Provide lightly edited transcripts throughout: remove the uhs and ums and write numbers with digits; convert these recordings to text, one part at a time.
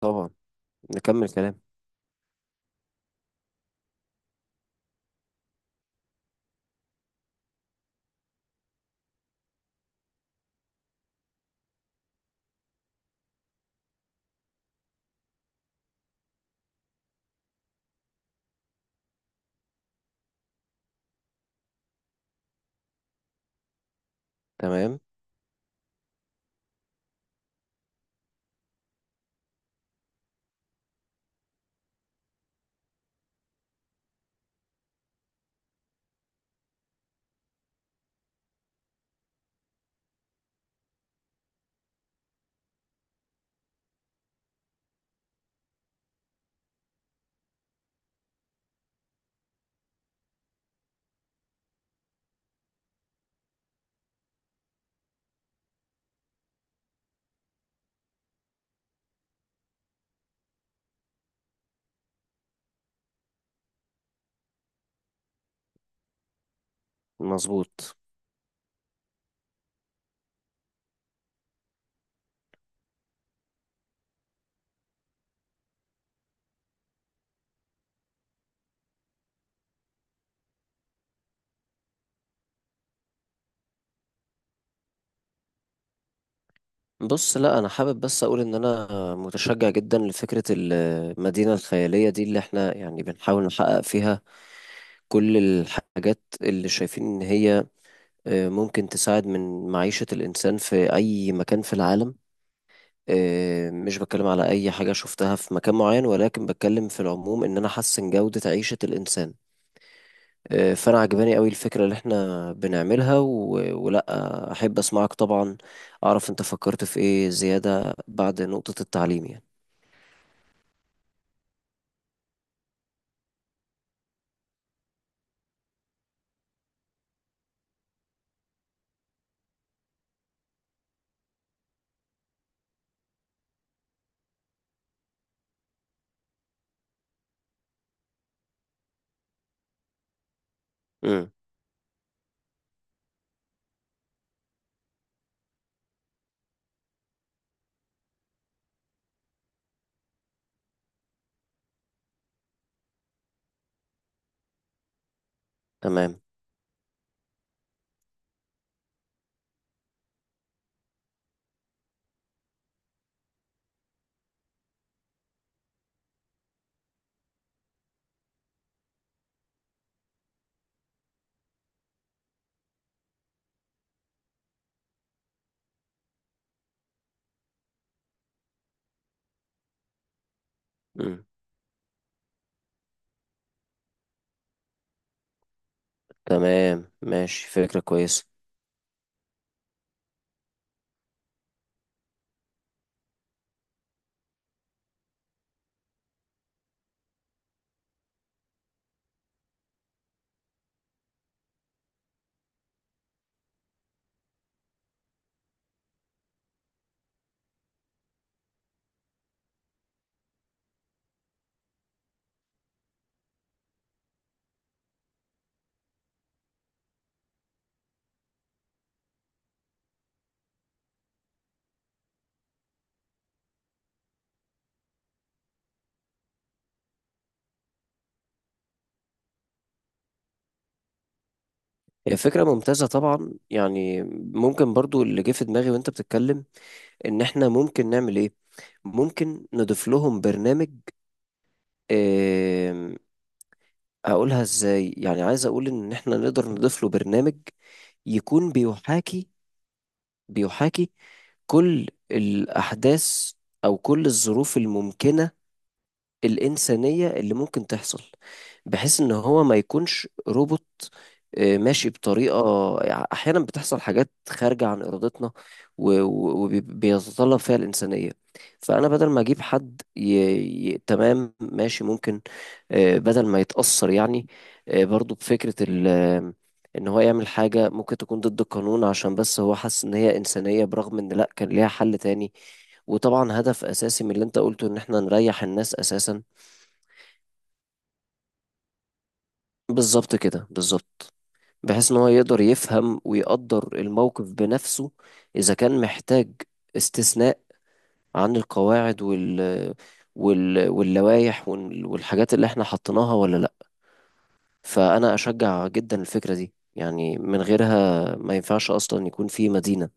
طبعا. نكمل كلام. تمام. مظبوط. بص، لا انا حابب بس اقول ان انا متشجع جدا لفكرة المدينة الخيالية دي اللي احنا يعني بنحاول نحقق فيها كل الحاجات اللي شايفين ان هي ممكن تساعد من معيشة الانسان في اي مكان في العالم. مش بتكلم على اي حاجة شفتها في مكان معين، ولكن بتكلم في العموم ان انا احسن جودة عيشة الانسان. فانا عجباني قوي الفكره اللي احنا بنعملها ولا. احب اسمعك طبعا. اعرف انت فكرت في ايه زياده بعد نقطه التعليم يعني. امم. تمام. امم. تمام، ماشي، فكره كويسه. هي فكره ممتازه طبعا، يعني ممكن برضو اللي جه في دماغي وانت بتتكلم ان احنا ممكن نعمل ايه. ممكن نضيف لهم برنامج. آم، هقولها ازاي، يعني عايز اقول ان احنا نقدر نضيف له برنامج يكون بيحاكي كل الأحداث أو كل الظروف الممكنة الإنسانية اللي ممكن تحصل، بحيث إن هو ما يكونش روبوت ماشي بطريقة، يعني أحيانا بتحصل حاجات خارجة عن إرادتنا وبيتطلب فيها الإنسانية. فأنا بدل ما أجيب حد تمام، ماشي، ممكن. بدل ما يتأثر يعني برضو بفكرة ال... آه، إن هو يعمل حاجة ممكن تكون ضد القانون عشان بس هو حس إن هي إنسانية، برغم إن لأ كان ليها حل تاني. وطبعا هدف اساسي من اللي انت قلته ان احنا نريح الناس اساسا. بالظبط كده بالظبط. بحيث ان هو يقدر يفهم ويقدر الموقف بنفسه، اذا كان محتاج استثناء عن القواعد واللوائح والحاجات اللي احنا حطيناها، ولا لا. فانا اشجع جدا الفكرة دي، يعني من غيرها ما ينفعش اصلا يكون في مدينة.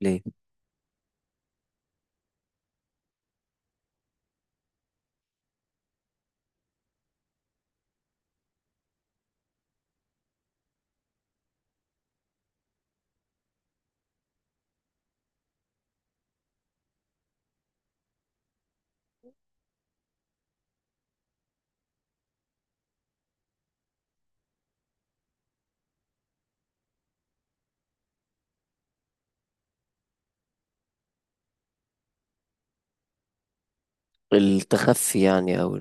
ليه؟ التخفي يعني، او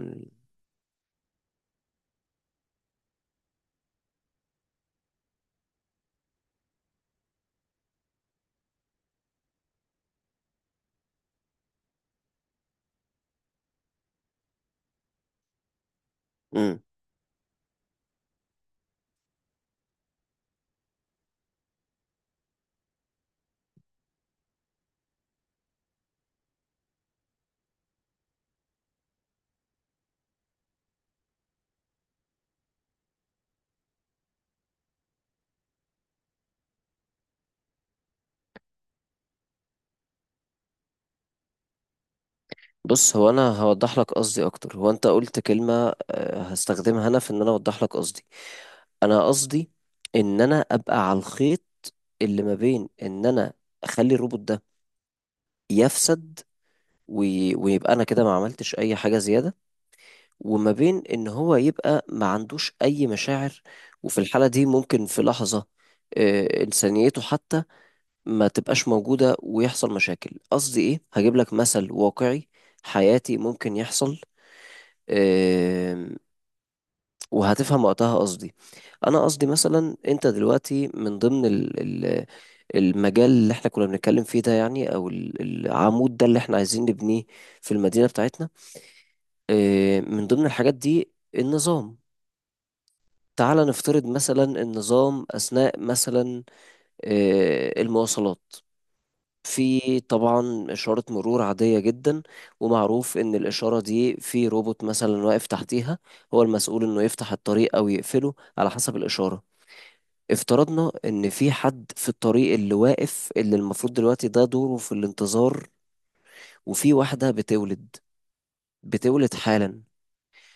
ال... بص، هو انا هوضح لك قصدي اكتر. هو انت قلت كلمة هستخدمها انا في ان انا اوضح لك قصدي. انا قصدي ان انا ابقى على الخيط اللي ما بين ان انا اخلي الروبوت ده يفسد ويبقى انا كده ما عملتش اي حاجة زيادة، وما بين ان هو يبقى ما عندوش اي مشاعر، وفي الحالة دي ممكن في لحظة انسانيته حتى ما تبقاش موجودة ويحصل مشاكل. قصدي ايه، هجيب لك مثل واقعي حياتي ممكن يحصل وهتفهم وقتها قصدي. انا قصدي مثلا انت دلوقتي من ضمن ال ال المجال اللي احنا كنا بنتكلم فيه ده، يعني او العمود ده اللي احنا عايزين نبنيه في المدينة بتاعتنا. من ضمن الحاجات دي النظام. تعال نفترض مثلا النظام أثناء مثلا المواصلات. في طبعا إشارة مرور عادية جدا، ومعروف إن الإشارة دي في روبوت مثلا واقف تحتيها، هو المسؤول إنه يفتح الطريق أو يقفله على حسب الإشارة. افترضنا ان في حد في الطريق اللي واقف، اللي المفروض دلوقتي ده دوره في الانتظار، وفي واحدة بتولد، بتولد حالا.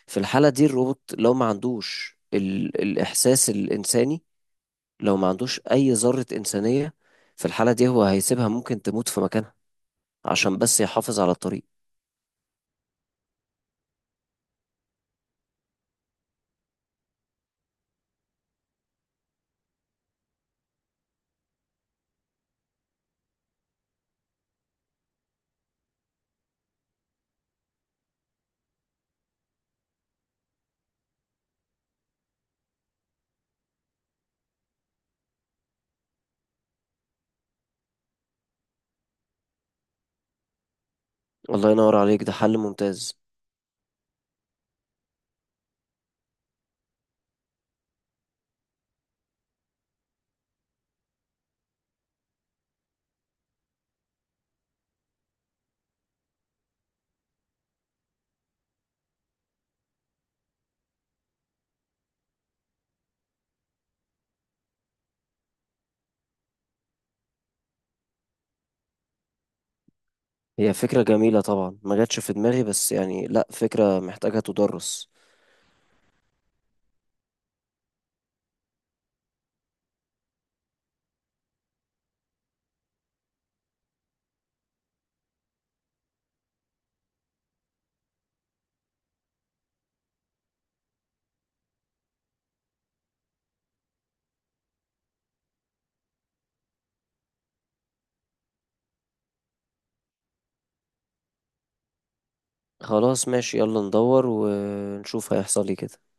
في الحالة دي الروبوت لو ما عندوش الإحساس الإنساني، لو ما عندوش أي ذرة إنسانية، في الحالة دي هو هيسيبها ممكن تموت في مكانها عشان بس يحافظ على الطريق. الله ينور عليك، ده حل ممتاز. هي فكرة جميلة طبعا، ما جاتش في دماغي، بس يعني لا فكرة محتاجة تدرس. خلاص ماشي، يلا ندور ونشوف هيحصل ايه كده.